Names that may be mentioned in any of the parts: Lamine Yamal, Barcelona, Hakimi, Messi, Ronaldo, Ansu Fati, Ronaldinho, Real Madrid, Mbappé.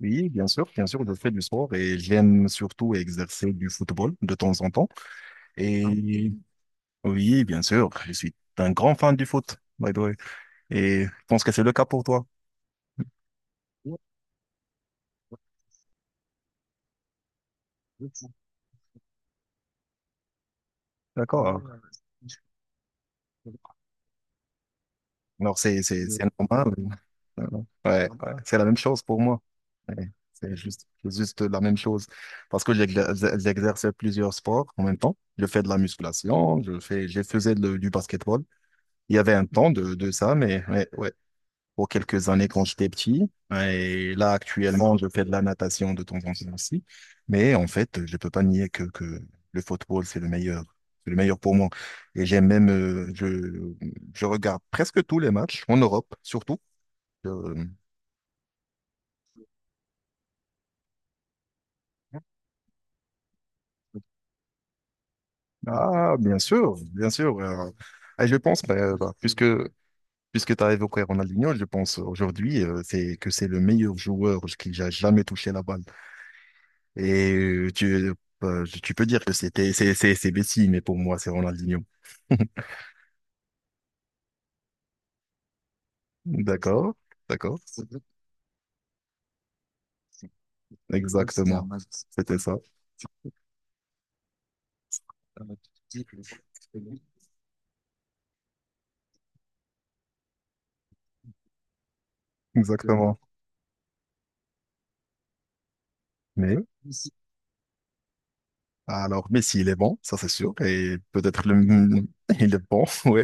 Oui, bien sûr, je fais du sport et j'aime surtout exercer du football de temps en temps. Et Ah, oui, bien sûr, je suis un grand fan du foot, by the way. Et je pense que c'est le cas pour toi. D'accord. Alors, c'est normal. Euh, Ouais, ouais, c'est la même chose pour moi. Ouais, c'est juste la même chose. Parce que j'exerce plusieurs sports en même temps. Je fais de la musculation, je fais, je faisais le- du basketball. Il y avait un temps de ça, mais ouais, ouais, pour quelques années quand j'étais petit. Et là, actuellement, je fais de la natation de temps en temps aussi. Mais en fait, je peux pas nier que le football, c'est le meilleur. C'est le meilleur pour moi. Et j'aime même, je regarde presque tous les matchs, en Europe surtout. Euh, ah, bien sûr, bien sûr. Et je pense, bah, puisque tu as évoqué Ronaldinho, je pense aujourd'hui c'est que c'est le meilleur joueur qui a jamais touché la balle. Et tu peux dire que c'est Messi, mais pour moi, c'est Ronaldinho. D'accord, d'accord. Ouais, exactement. C'était ça. Exactement. Mais, alors, Messi, il est bon, ça c'est sûr. Et peut-être le. Il est bon, oui.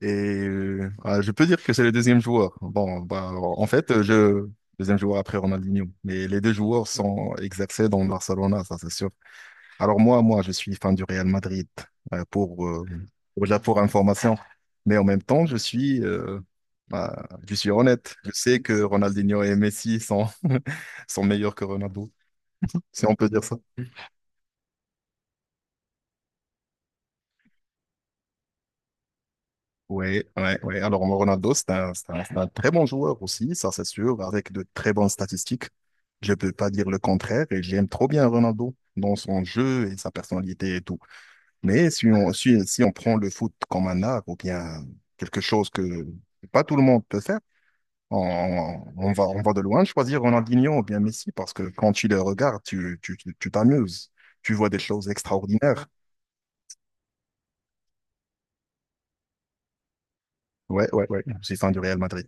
Et ah, je peux dire que c'est le deuxième joueur. Bon, bah, alors, en fait, deuxième joueur après Ronaldinho. Mais les deux joueurs sont exercés dans le Barcelona, ça c'est sûr. Alors moi, je suis fan du Real Madrid euh, pour, euh, pour information. Mais en même temps, je suis honnête. Je sais que Ronaldinho et Messi sont, sont meilleurs que Ronaldo, si on peut dire ça. Oui, ouais, ouais. Alors Ronaldo, c'est un très bon joueur aussi, ça c'est sûr, avec de très bonnes statistiques. Je peux pas dire le contraire et j'aime trop bien Ronaldo dans son jeu et sa personnalité et tout. Mais si on prend le foot comme un art ou bien quelque chose que pas tout le monde peut faire, on va de loin choisir Ronaldinho ou bien Messi parce que quand tu les regardes, tu, tu, tu tu t'amuses. Tu vois des choses extraordinaires. Ouais, ouais, ouais. Je suis fan du Real Madrid.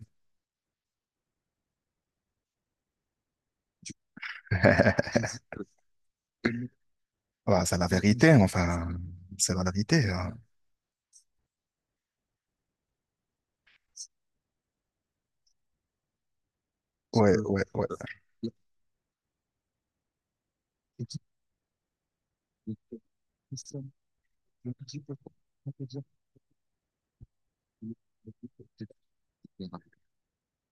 Voilà, c'est la vérité, enfin, c'est la vérité, hein. Ouais, ouais, ouais.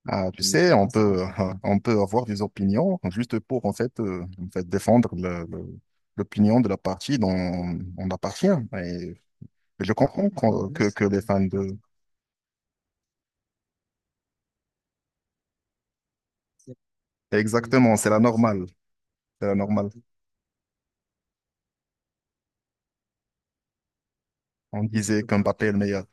Ah, tu sais, on peut avoir des opinions juste pour, en fait défendre l'opinion de la partie dont on appartient. Et je comprends que les fans de... Exactement, c'est la normale. C'est la normale. On disait que Mbappé est le meilleur.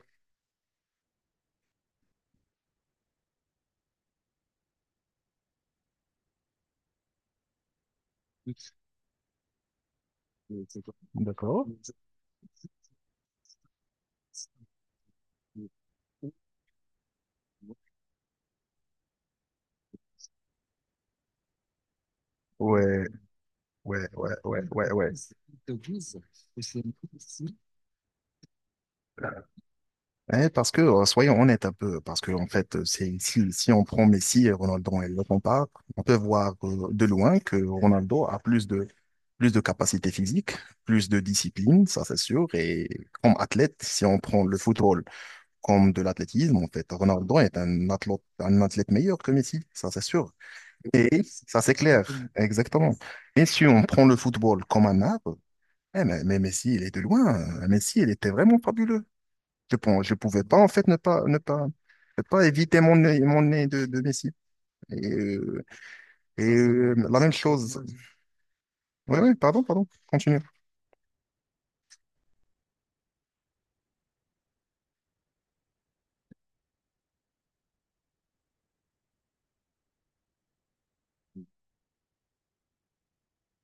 D'accord. Ouais, ouais, ouais, ouais, ouais, ouais. Eh, parce que, soyons honnêtes un peu, parce que, en fait, c'est, si, si on prend Messi et Ronaldo et le compare, on peut voir de loin que Ronaldo a plus de capacité physique, plus de discipline, ça c'est sûr, et comme athlète, si on prend le football comme de l'athlétisme, en fait, Ronaldo est un athlète, meilleur que Messi, ça c'est sûr. Et ça, c'est clair, exactement. Et si on prend le football comme un arbre, eh, mais Messi, il est de loin. Messi, il était vraiment fabuleux. Je pouvais pas, en fait, ne pas éviter mon nez de Messi. Et, euh, et, la même chose. Oui, oui, pardon, pardon, continue.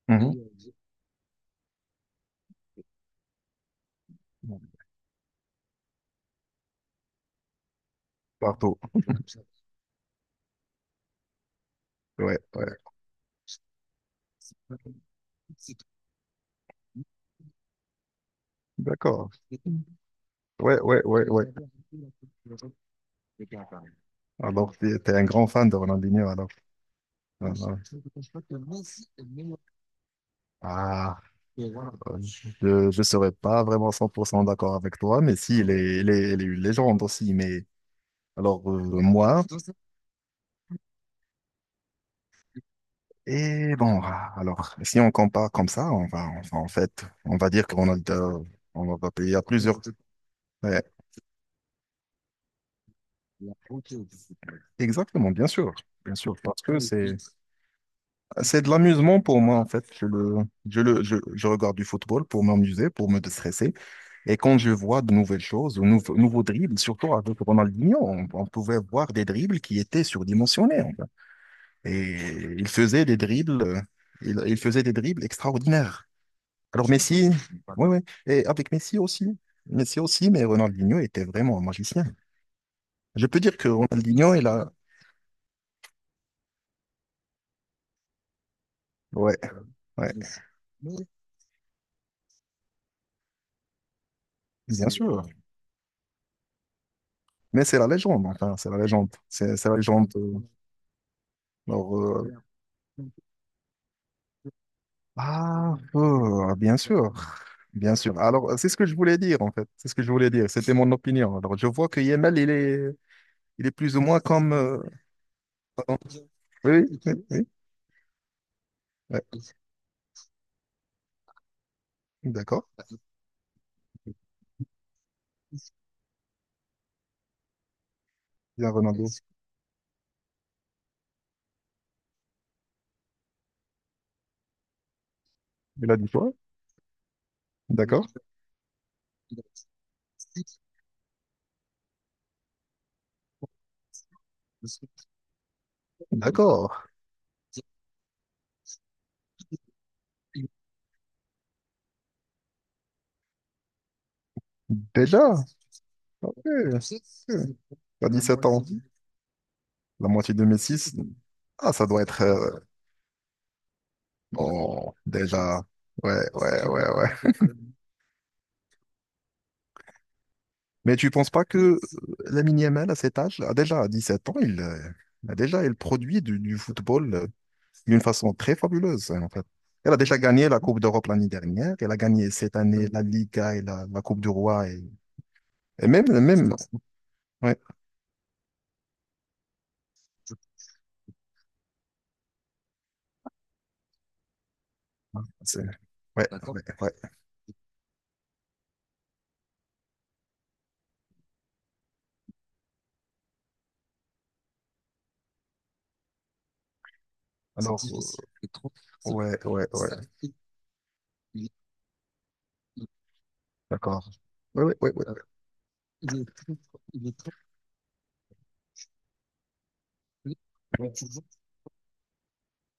Mhm. Partout. Ouais, ouais. D'accord. Ouais, ouais, ouais, ouais. Alors, tu es un grand fan de Ronaldinho, alors. Ah, ah. Je ne serais pas vraiment 100% d'accord avec toi, mais si, il est une légende aussi. Mais alors, moi, et bon, alors, si on compare comme ça, en fait, on va dire qu'on a, on va payer à plusieurs. Ouais, exactement, bien sûr, parce que c'est de l'amusement pour moi, en fait. Je regarde du football pour m'amuser, pour me déstresser. Et quand je vois de nouvelles choses, de nouveaux dribbles, surtout avec Ronaldinho, on pouvait voir des dribbles qui étaient surdimensionnés, en fait. Et il faisait des dribbles, extraordinaires. Alors Messi, oui, oui, et avec Messi aussi. Messi aussi, mais Ronaldinho était vraiment un magicien. Je peux dire que Ronaldinho, il a. Ouais, ouais, bien sûr. Mais c'est la légende, enfin, c'est la légende. C'est la légende. Alors, bien sûr. Bien sûr. Alors, c'est ce que je voulais dire, en fait. C'est ce que je voulais dire. C'était mon opinion. Alors, je vois que Yemel, il est plus ou moins comme. Oui, oui. Ouais. D'accord. Bien, Ronaldo. Il a dit quoi? D'accord. D'accord. Déjà. Ok. Ok. T'as sept ans. La moitié de mes 6. Ah, ça doit être. Bon, déjà. Ouais, ouais, ouais, ouais. Mais tu penses pas que Lamine Yamal, à cet âge, a déjà à 17 ans, il produit du football, d'une façon très fabuleuse, hein, en fait. Elle a déjà gagné la Coupe d'Europe l'année dernière. Elle a gagné cette année la Liga et la Coupe du Roi. Et même, ouais, c'est- ouais, ouais, ouais. Alors, ouais, ouais, ouais, d'accord. Ouais, ouais, ouais, ouais.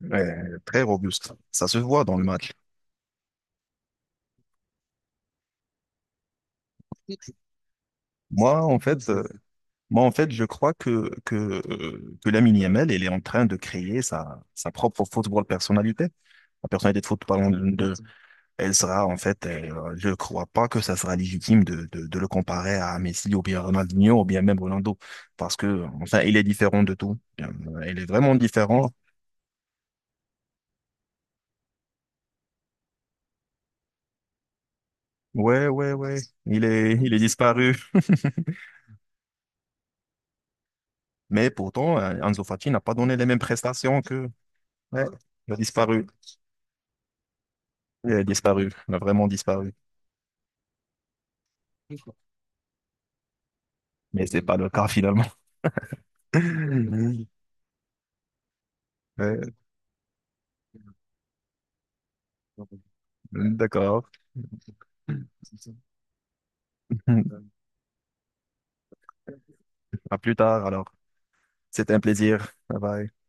Ouais, très robuste. Ça se voit dans le match. Moi, en fait, euh, moi, en fait, je crois que Lamine Yamal, elle est en train de créer sa propre football personnalité, la personnalité de football de. Elle sera en fait, je ne crois pas que ça sera légitime de le comparer à Messi ou bien Ronaldinho ou bien même Ronaldo, parce que enfin, il est différent de tout. Il est vraiment différent. Ouais, ouais, ouais. Il est disparu. Mais pourtant, Ansu Fati n'a pas donné les mêmes prestations que. Ouais, il a disparu. Il a disparu. Il a vraiment disparu. Mais c'est pas le cas finalement. Ouais, d'accord. À plus tard alors. C'était un plaisir. Bye bye.